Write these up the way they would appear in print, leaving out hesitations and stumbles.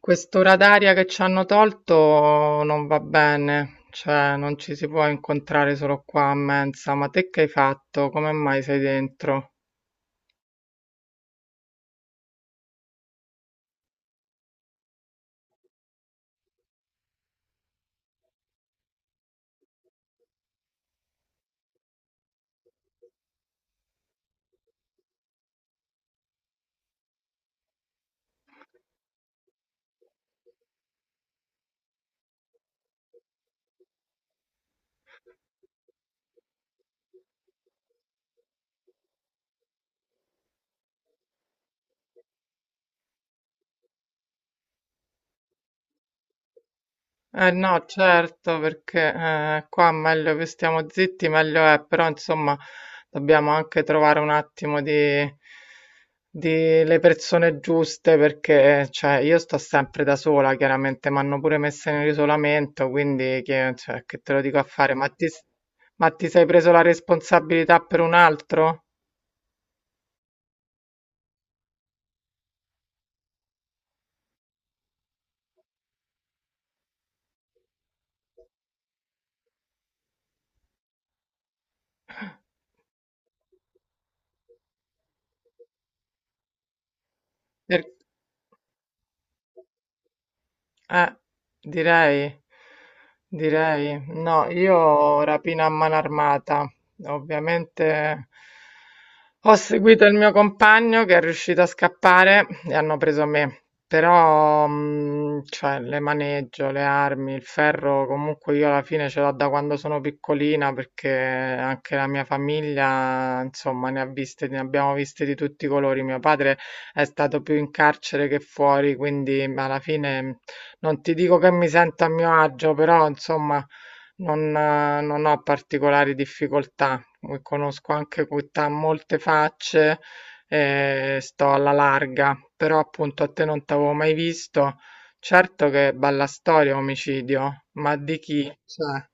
Quest'ora d'aria che ci hanno tolto non va bene, cioè non ci si può incontrare solo qua a mensa. Ma te che hai fatto? Come mai sei dentro? Eh no, certo, perché qua meglio che stiamo zitti, meglio è, però insomma dobbiamo anche trovare un attimo di le persone giuste, perché cioè, io sto sempre da sola, chiaramente, mi hanno pure messa in isolamento, quindi che, cioè, che te lo dico a fare? Ma ti sei preso la responsabilità per un altro? Per- Eh, direi, direi. No, io rapina a mano armata. Ovviamente ho seguito il mio compagno che è riuscito a scappare e hanno preso me. Però, cioè, le maneggio, le armi, il ferro, comunque io alla fine ce l'ho da quando sono piccolina perché anche la mia famiglia, insomma, ne ha viste, ne abbiamo viste di tutti i colori. Mio padre è stato più in carcere che fuori, quindi alla fine non ti dico che mi sento a mio agio, però insomma non, non ho particolari difficoltà. Conosco anche qui molte facce e sto alla larga, però appunto a te non t'avevo mai visto. Certo che bella storia omicidio, ma di chi? Cioè.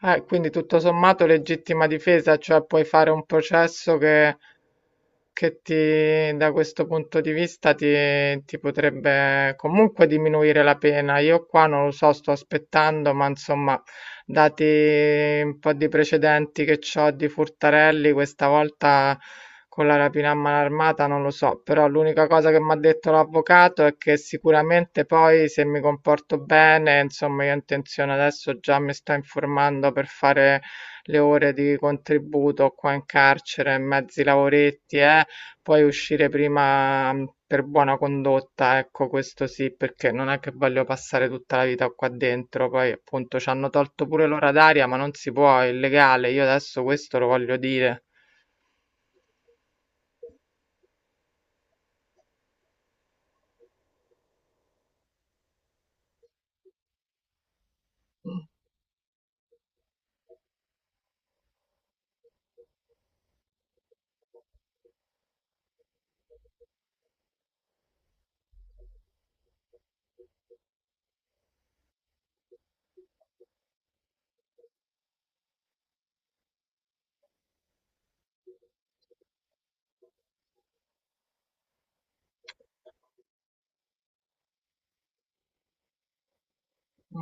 Quindi tutto sommato legittima difesa, cioè puoi fare un processo che da questo punto di vista ti potrebbe comunque diminuire la pena. Io qua non lo so, sto aspettando, ma insomma, dati un po' di precedenti che ho di furtarelli, questa volta con la rapina a mano armata non lo so, però l'unica cosa che mi ha detto l'avvocato è che sicuramente poi se mi comporto bene, insomma, io ho intenzione adesso già mi sto informando per fare le ore di contributo qua in carcere, mezzi lavoretti, poi uscire prima per buona condotta, ecco, questo sì, perché non è che voglio passare tutta la vita qua dentro, poi appunto ci hanno tolto pure l'ora d'aria, ma non si può, è illegale, io adesso questo lo voglio dire.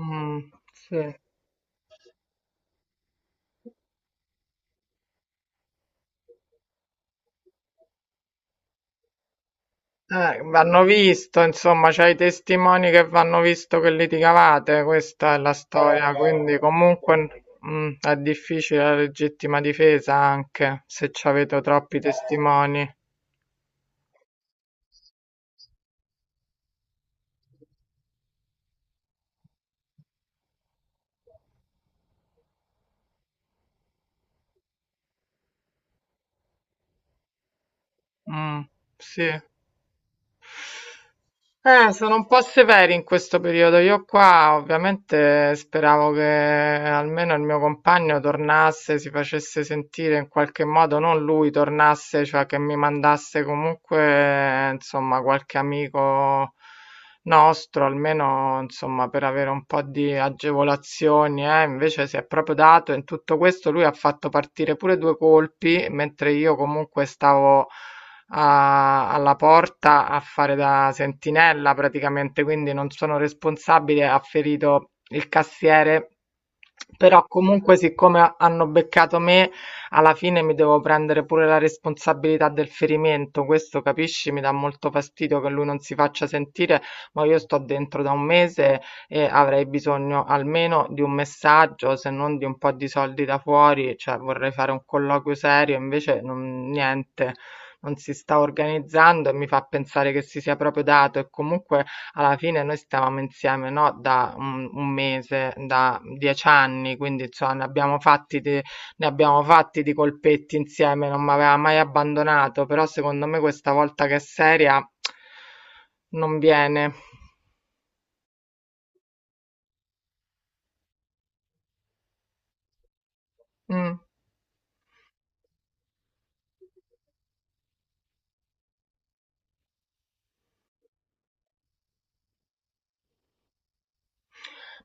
Mh, sì. Vanno visto, insomma, c'hai i testimoni che vanno visto che litigavate, questa è la storia, quindi comunque è difficile la legittima difesa anche se c'avete troppi testimoni. Mh, sì. Sono un po' severi in questo periodo. Io qua ovviamente speravo che almeno il mio compagno tornasse, si facesse sentire in qualche modo, non lui tornasse, cioè che mi mandasse comunque, insomma, qualche amico nostro, almeno, insomma, per avere un po' di agevolazioni, eh. Invece si è proprio dato in tutto questo, lui ha fatto partire pure due colpi, mentre io comunque stavo a alla porta a fare da sentinella praticamente, quindi non sono responsabile, ha ferito il cassiere. Però comunque, siccome hanno beccato me, alla fine mi devo prendere pure la responsabilità del ferimento. Questo, capisci, mi dà molto fastidio che lui non si faccia sentire, ma io sto dentro da un mese e avrei bisogno almeno di un messaggio, se non di un po' di soldi da fuori, cioè vorrei fare un colloquio serio, invece non, niente non si sta organizzando e mi fa pensare che si sia proprio dato e comunque alla fine noi stavamo insieme, no? Da un mese, da 10 anni, quindi insomma ne abbiamo fatti di colpetti insieme, non mi aveva mai abbandonato, però secondo me questa volta che è seria non viene. Mm.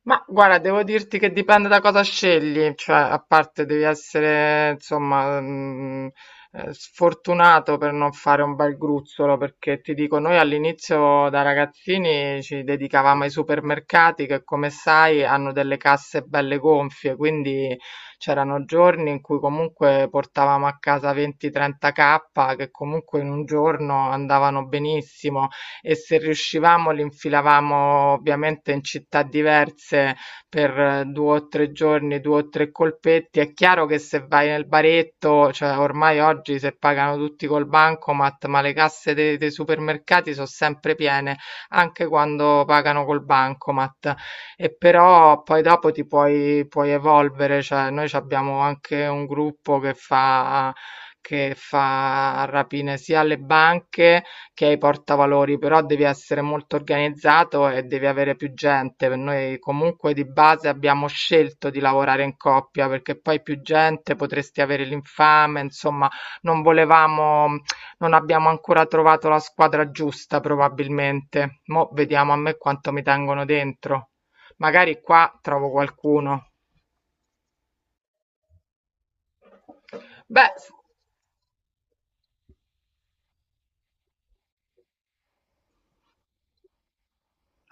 Ma guarda, devo dirti che dipende da cosa scegli, cioè a parte devi essere insomma sfortunato per non fare un bel gruzzolo, perché ti dico, noi all'inizio da ragazzini ci dedicavamo ai supermercati che come sai hanno delle casse belle gonfie, quindi c'erano giorni in cui comunque portavamo a casa 20-30K che comunque in un giorno andavano benissimo e se riuscivamo li infilavamo ovviamente in città diverse per 2 o 3 giorni, due o tre colpetti. È chiaro che se vai nel baretto, cioè ormai oggi se pagano tutti col bancomat, ma le casse dei supermercati sono sempre piene, anche quando pagano col bancomat. E però poi dopo ti puoi, puoi evolvere, cioè noi ci abbiamo anche un gruppo che fa rapine sia alle banche che hai portavalori, però devi essere molto organizzato e devi avere più gente. Per noi comunque di base abbiamo scelto di lavorare in coppia perché poi più gente potresti avere l'infame, insomma, non volevamo, non abbiamo ancora trovato la squadra giusta probabilmente. Mo' vediamo a me quanto mi tengono dentro. Magari qua trovo qualcuno. Beh,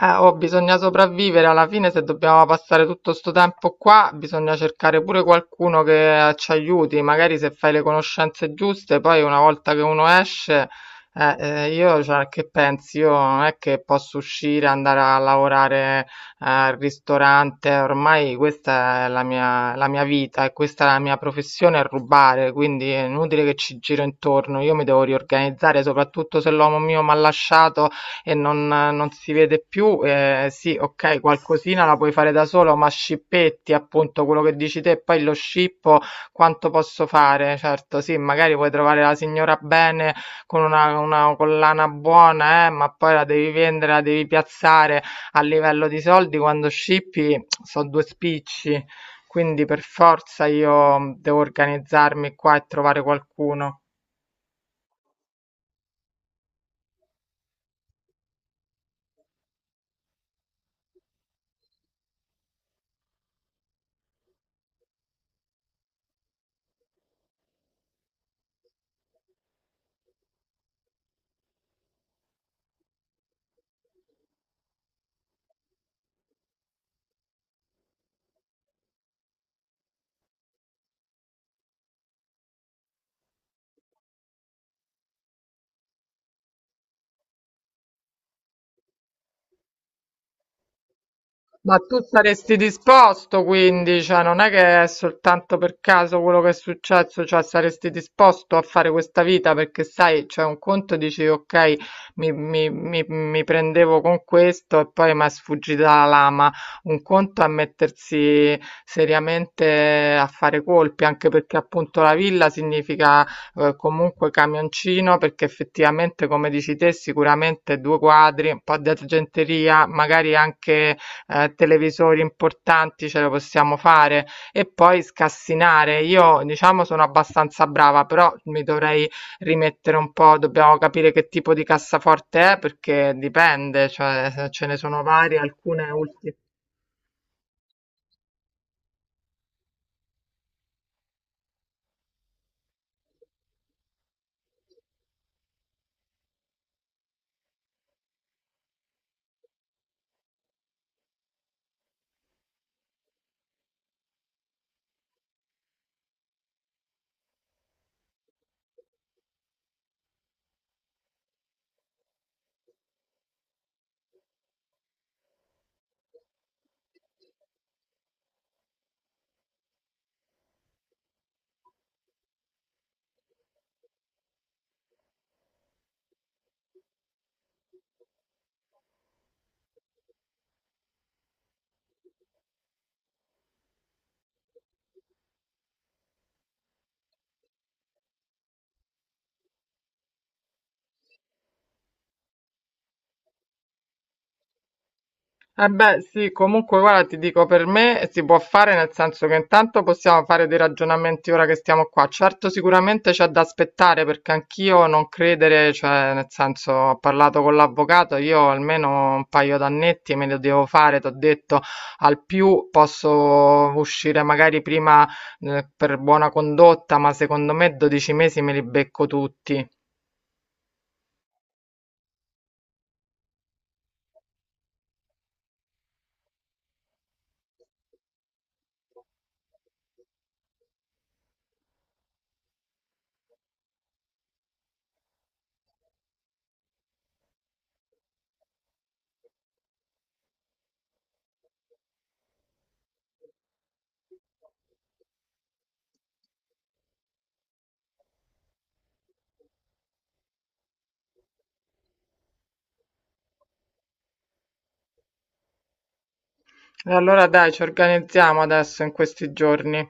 Oh, bisogna sopravvivere alla fine, se dobbiamo passare tutto sto tempo qua, bisogna cercare pure qualcuno che ci aiuti, magari se fai le conoscenze giuste, poi una volta che uno esce, cioè, che pensi? Io non è che posso uscire, andare a lavorare al ristorante, ormai questa è la mia vita e questa è la mia professione, è rubare, quindi è inutile che ci giro intorno, io mi devo riorganizzare, soprattutto se l'uomo mio mi ha lasciato e non si vede più. Sì, ok, qualcosina la puoi fare da solo, ma scippetti, appunto, quello che dici te, e poi lo scippo, quanto posso fare? Certo, sì, magari puoi trovare la signora bene con una collana buona, ma poi la devi vendere, la devi piazzare a livello di soldi quando scippi, sono due spicci. Quindi per forza io devo organizzarmi qua e trovare qualcuno. Ma tu saresti disposto quindi, cioè non è che è soltanto per caso quello che è successo, cioè saresti disposto a fare questa vita perché sai, c'è un conto dici ok, mi prendevo con questo e poi mi è sfuggita la lama, un conto è mettersi seriamente a fare colpi, anche perché appunto la villa significa comunque camioncino perché effettivamente come dici te sicuramente due quadri, un po' di argenteria, magari anche televisori importanti ce lo possiamo fare e poi scassinare. Io diciamo sono abbastanza brava, però mi dovrei rimettere un po', dobbiamo capire che tipo di cassaforte è perché dipende, cioè ce ne sono varie, alcune ultime. Eh beh, sì, comunque guarda, ti dico, per me si può fare nel senso che intanto possiamo fare dei ragionamenti ora che stiamo qua. Certo, sicuramente c'è da aspettare perché anch'io non credere, cioè nel senso ho parlato con l'avvocato, io almeno un paio d'annetti me li devo fare, ti ho detto, al più posso uscire magari prima per buona condotta, ma secondo me 12 mesi me li becco tutti. E allora dai, ci organizziamo adesso in questi giorni.